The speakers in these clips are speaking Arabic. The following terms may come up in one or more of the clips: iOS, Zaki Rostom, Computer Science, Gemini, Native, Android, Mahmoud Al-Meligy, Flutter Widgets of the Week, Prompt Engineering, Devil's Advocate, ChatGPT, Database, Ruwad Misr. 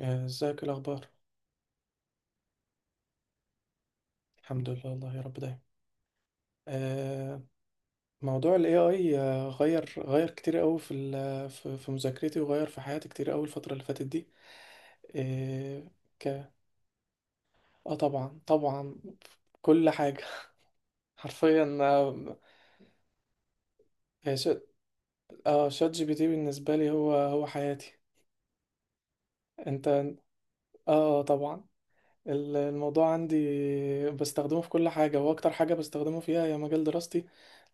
آه، ازيك، إيه الاخبار؟ الحمد لله والله، يا رب دايما. آه. موضوع الاي اي غير كتير قوي في مذاكرتي، وغير في حياتي كتير قوي الفتره اللي فاتت دي. آه، ك اه، طبعا طبعا، كل حاجه. حرفيا آه. آه، ش- شات جي بي تي بالنسبه لي هو حياتي. انت؟ اه. طبعا. الموضوع عندي بستخدمه في كل حاجه، واكتر حاجه بستخدمه فيها هي مجال دراستي،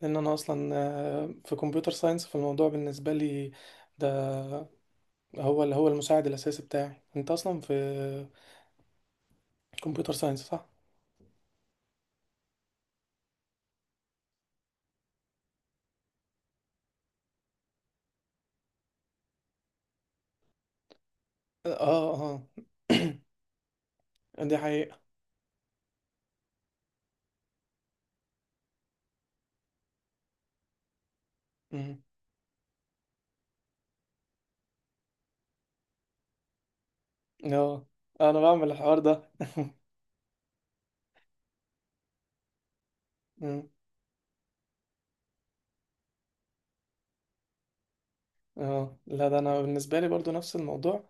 لان انا اصلا في كمبيوتر ساينس، فالموضوع بالنسبه لي ده هو اللي هو المساعد الاساسي بتاعي. انت اصلا في كمبيوتر ساينس، صح؟ اه اه. دي حقيقه. مم. اه، انا بعمل الحوار ده. مم. اه، لا، ده انا بالنسبه لي برضو نفس الموضوع.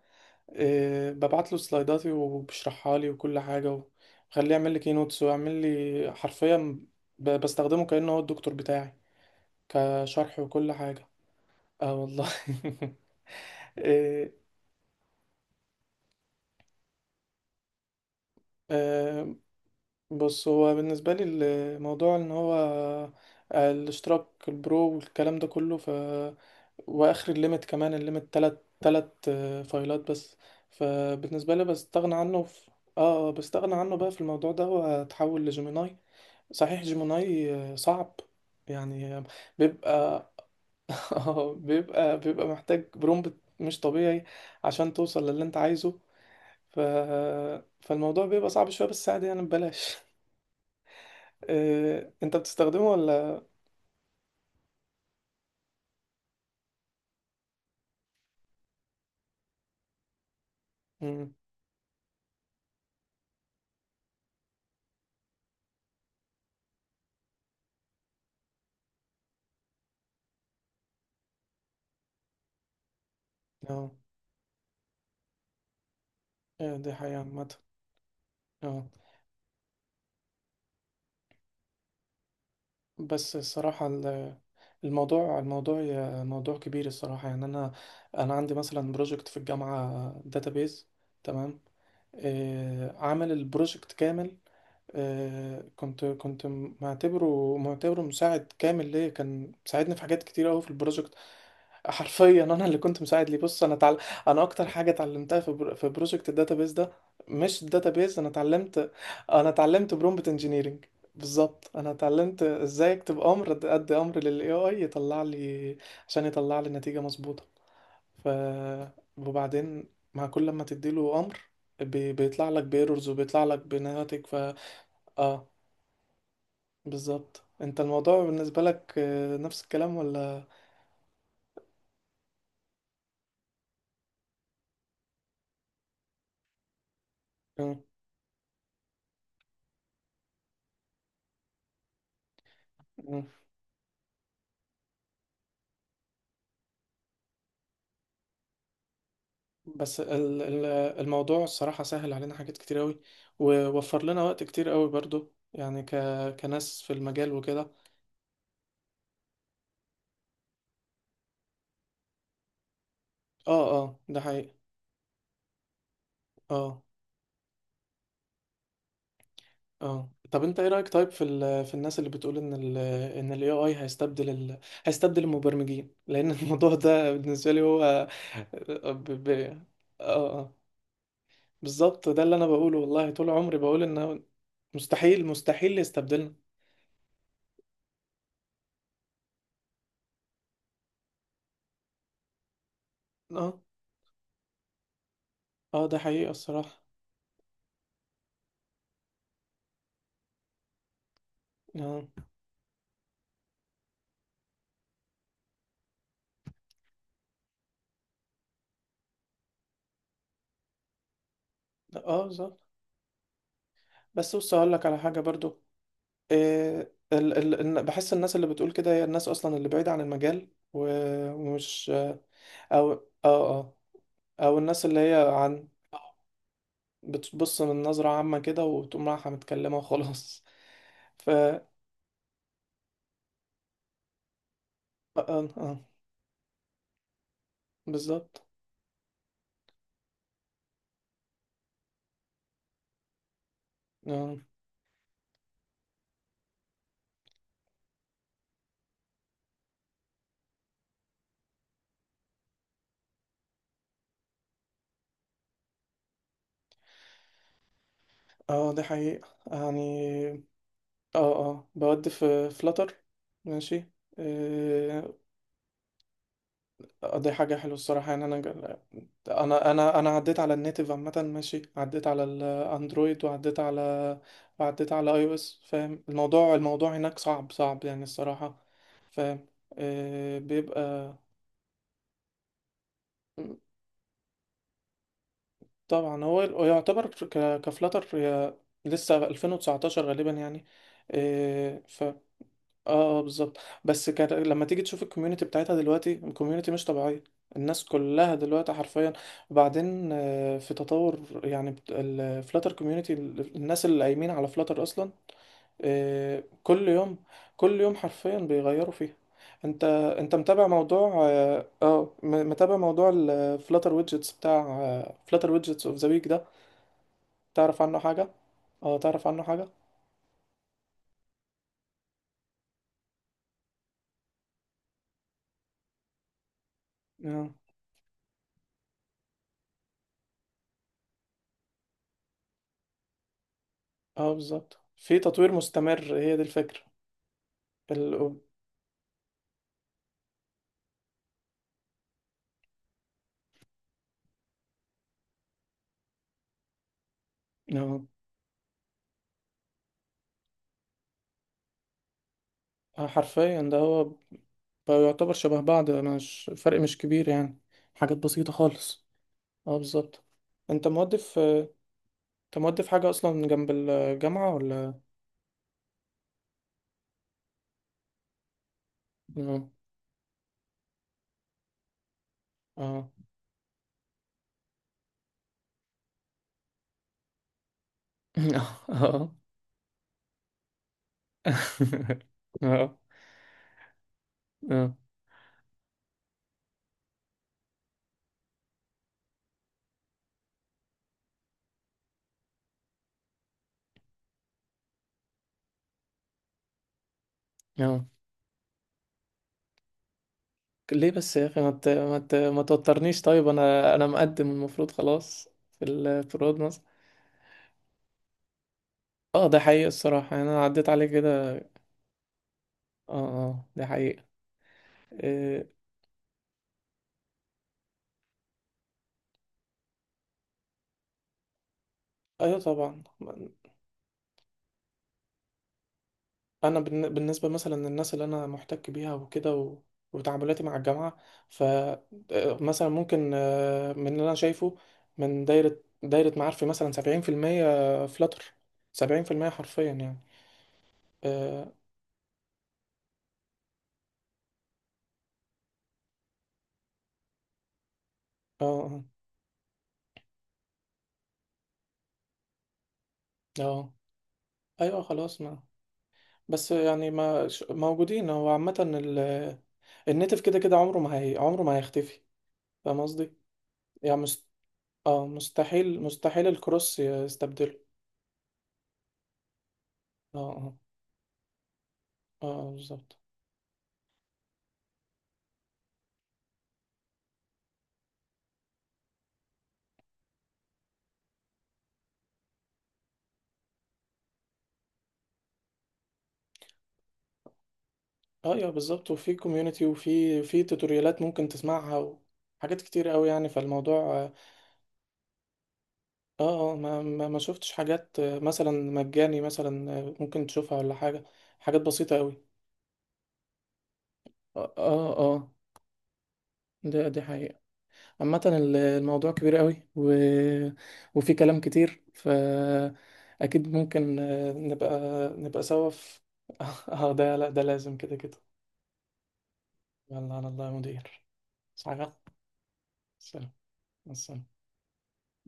إيه، ببعت له سلايداتي وبشرحها لي وكل حاجه، وخليه يعمل لي كينوتس، ويعمل لي حرفيا، بستخدمه كانه هو الدكتور بتاعي، كشرح وكل حاجه. اه والله. آه، بص، هو بالنسبة لي الموضوع ان هو الاشتراك البرو والكلام ده كله، ف واخر الليمت، كمان الليمت تلات فايلات بس. فبالنسبة لي بستغنى عنه في اه بستغنى عنه بقى في الموضوع ده، واتحول لجيميناي. صحيح جيميناي صعب يعني، بيبقى بيبقى محتاج برومبت مش طبيعي عشان توصل للي انت عايزه. ف... فالموضوع بيبقى صعب شوية، بس عادي يعني، ببلاش. إيه، انت بتستخدمه ولا؟ مم. اه. إيه، دي حقيقة عامة. اه. بس الصراحة، موضوع كبير الصراحة، يعني انا عندي مثلا بروجكت في الجامعة، داتابيز. تمام. إيه، عامل البروجكت كامل. كنت معتبره مساعد كامل ليا، كان مساعدني في حاجات كتير قوي في البروجكت. حرفيا انا اللي كنت مساعد ليه. بص، انا تعال... انا اكتر حاجه اتعلمتها في بروجكت الداتابيز ده مش الداتابيز. انا اتعلمت، انا اتعلمت برومبت انجينيرنج. بالظبط، انا اتعلمت ازاي اكتب امر، ادي امر للاي اي يطلع لي، عشان يطلع لي نتيجه مظبوطه. ف وبعدين مع كل لما تديله امر، بيطلع لك بيرورز، وبيطلع لك بناتج. ف اه. بالظبط، انت الموضوع بالنسبة لك نفس الكلام ولا؟ مم. مم. بس الموضوع الصراحة سهل علينا حاجات كتير قوي، ووفر لنا وقت كتير قوي برضو، يعني كناس في المجال وكده. اه اه، ده حقيقي. اه اه، طب انت ايه رأيك طيب في الناس اللي بتقول ان ال AI هيستبدل هيستبدل المبرمجين، لان الموضوع ده بالنسبة لي هو آه، ب... ب... اه اه، بالظبط، ده اللي انا بقوله. والله طول عمري بقول ان مستحيل مستحيل يستبدلنا. اه اه، ده حقيقة الصراحة. اه اه، بالظبط. بس بص، هقول لك على حاجة برضو. إيه، بحس الناس اللي بتقول كده هي الناس اصلا اللي بعيدة عن المجال، ومش او اه اه، او الناس اللي هي عن، بتبص من نظرة عامة كده، وتقوم رايحة متكلمة وخلاص. ف اه اه، بالظبط. اه اه، دي حقيقة يعني. اه اه، بود في فلاتر. ماشي. آه. دي حاجة حلوة الصراحة، يعني أنا عديت على النيتيف عامة، ماشي، عديت على الأندرويد، وعديت على، وعديت على أي أو إس. فاهم الموضوع هناك صعب صعب يعني الصراحة. فاهم. بيبقى طبعا، هو يعتبر كفلاتر هي لسه 2019 غالبا يعني. اه اه، بالظبط. بس كان لما تيجي تشوف الكوميونتي بتاعتها دلوقتي، الكوميونتي مش طبيعية، الناس كلها دلوقتي حرفيا. وبعدين في تطور يعني الفلاتر كوميونتي، الناس اللي قايمين على فلاتر اصلا كل يوم كل يوم حرفيا بيغيروا فيها. انت انت متابع موضوع متابع موضوع الفلاتر ويدجتس بتاع، فلاتر ويدجتس اوف ذا ويك ده؟ تعرف عنه حاجة؟ اه، تعرف عنه حاجة. اه اه، بالظبط، في تطوير مستمر، هي دي الفكرة. اه حرفيا ده هو، بقى يعتبر شبه بعض، مش فرق مش كبير يعني، حاجات بسيطة خالص. اه، بالظبط. انت مودف حاجة اصلا جنب الجامعة ولا؟ اه اه. اه اه اه اه. ليه بس يا اخي؟ ما توترنيش طيب، انا مقدم المفروض خلاص في رواد مصر. اه، ده حقيقي الصراحة يعني، انا عديت عليه كده. اه اه، ده حقيقي. إيه... ايوه طبعا. انا بالنسبه مثلا للناس اللي انا محتك بيها وكده، و... وتعاملاتي مع الجامعه. ف مثلا ممكن من اللي انا شايفه من دايره معارفي مثلا 70% فلاتر، 70% حرفيا يعني. اه اه اه آه. ايوه خلاص، ما بس يعني ما ش- موجودين، هو عامه النيتف كده كده عمره ما هي، عمره ما هيختفي. فاهم قصدي، يعني اه مستحيل مستحيل الكروس يستبدله. اه اه اه، بالظبط. ايوه بالظبط، وفي كوميونتي، وفي توتوريالات ممكن تسمعها، وحاجات كتير قوي يعني، فالموضوع اه. اه، ما شفتش حاجات مثلا مجاني مثلا ممكن تشوفها ولا حاجة، حاجات بسيطة قوي. اه اه آه، ده دي حقيقة. عامة الموضوع كبير قوي، و... وفي كلام كتير، فأكيد ممكن نبقى نبقى سوا في. اه ده، لا ده لازم كده كده. يلا على الله يا مدير. صحيح. سلام. مع السلامة.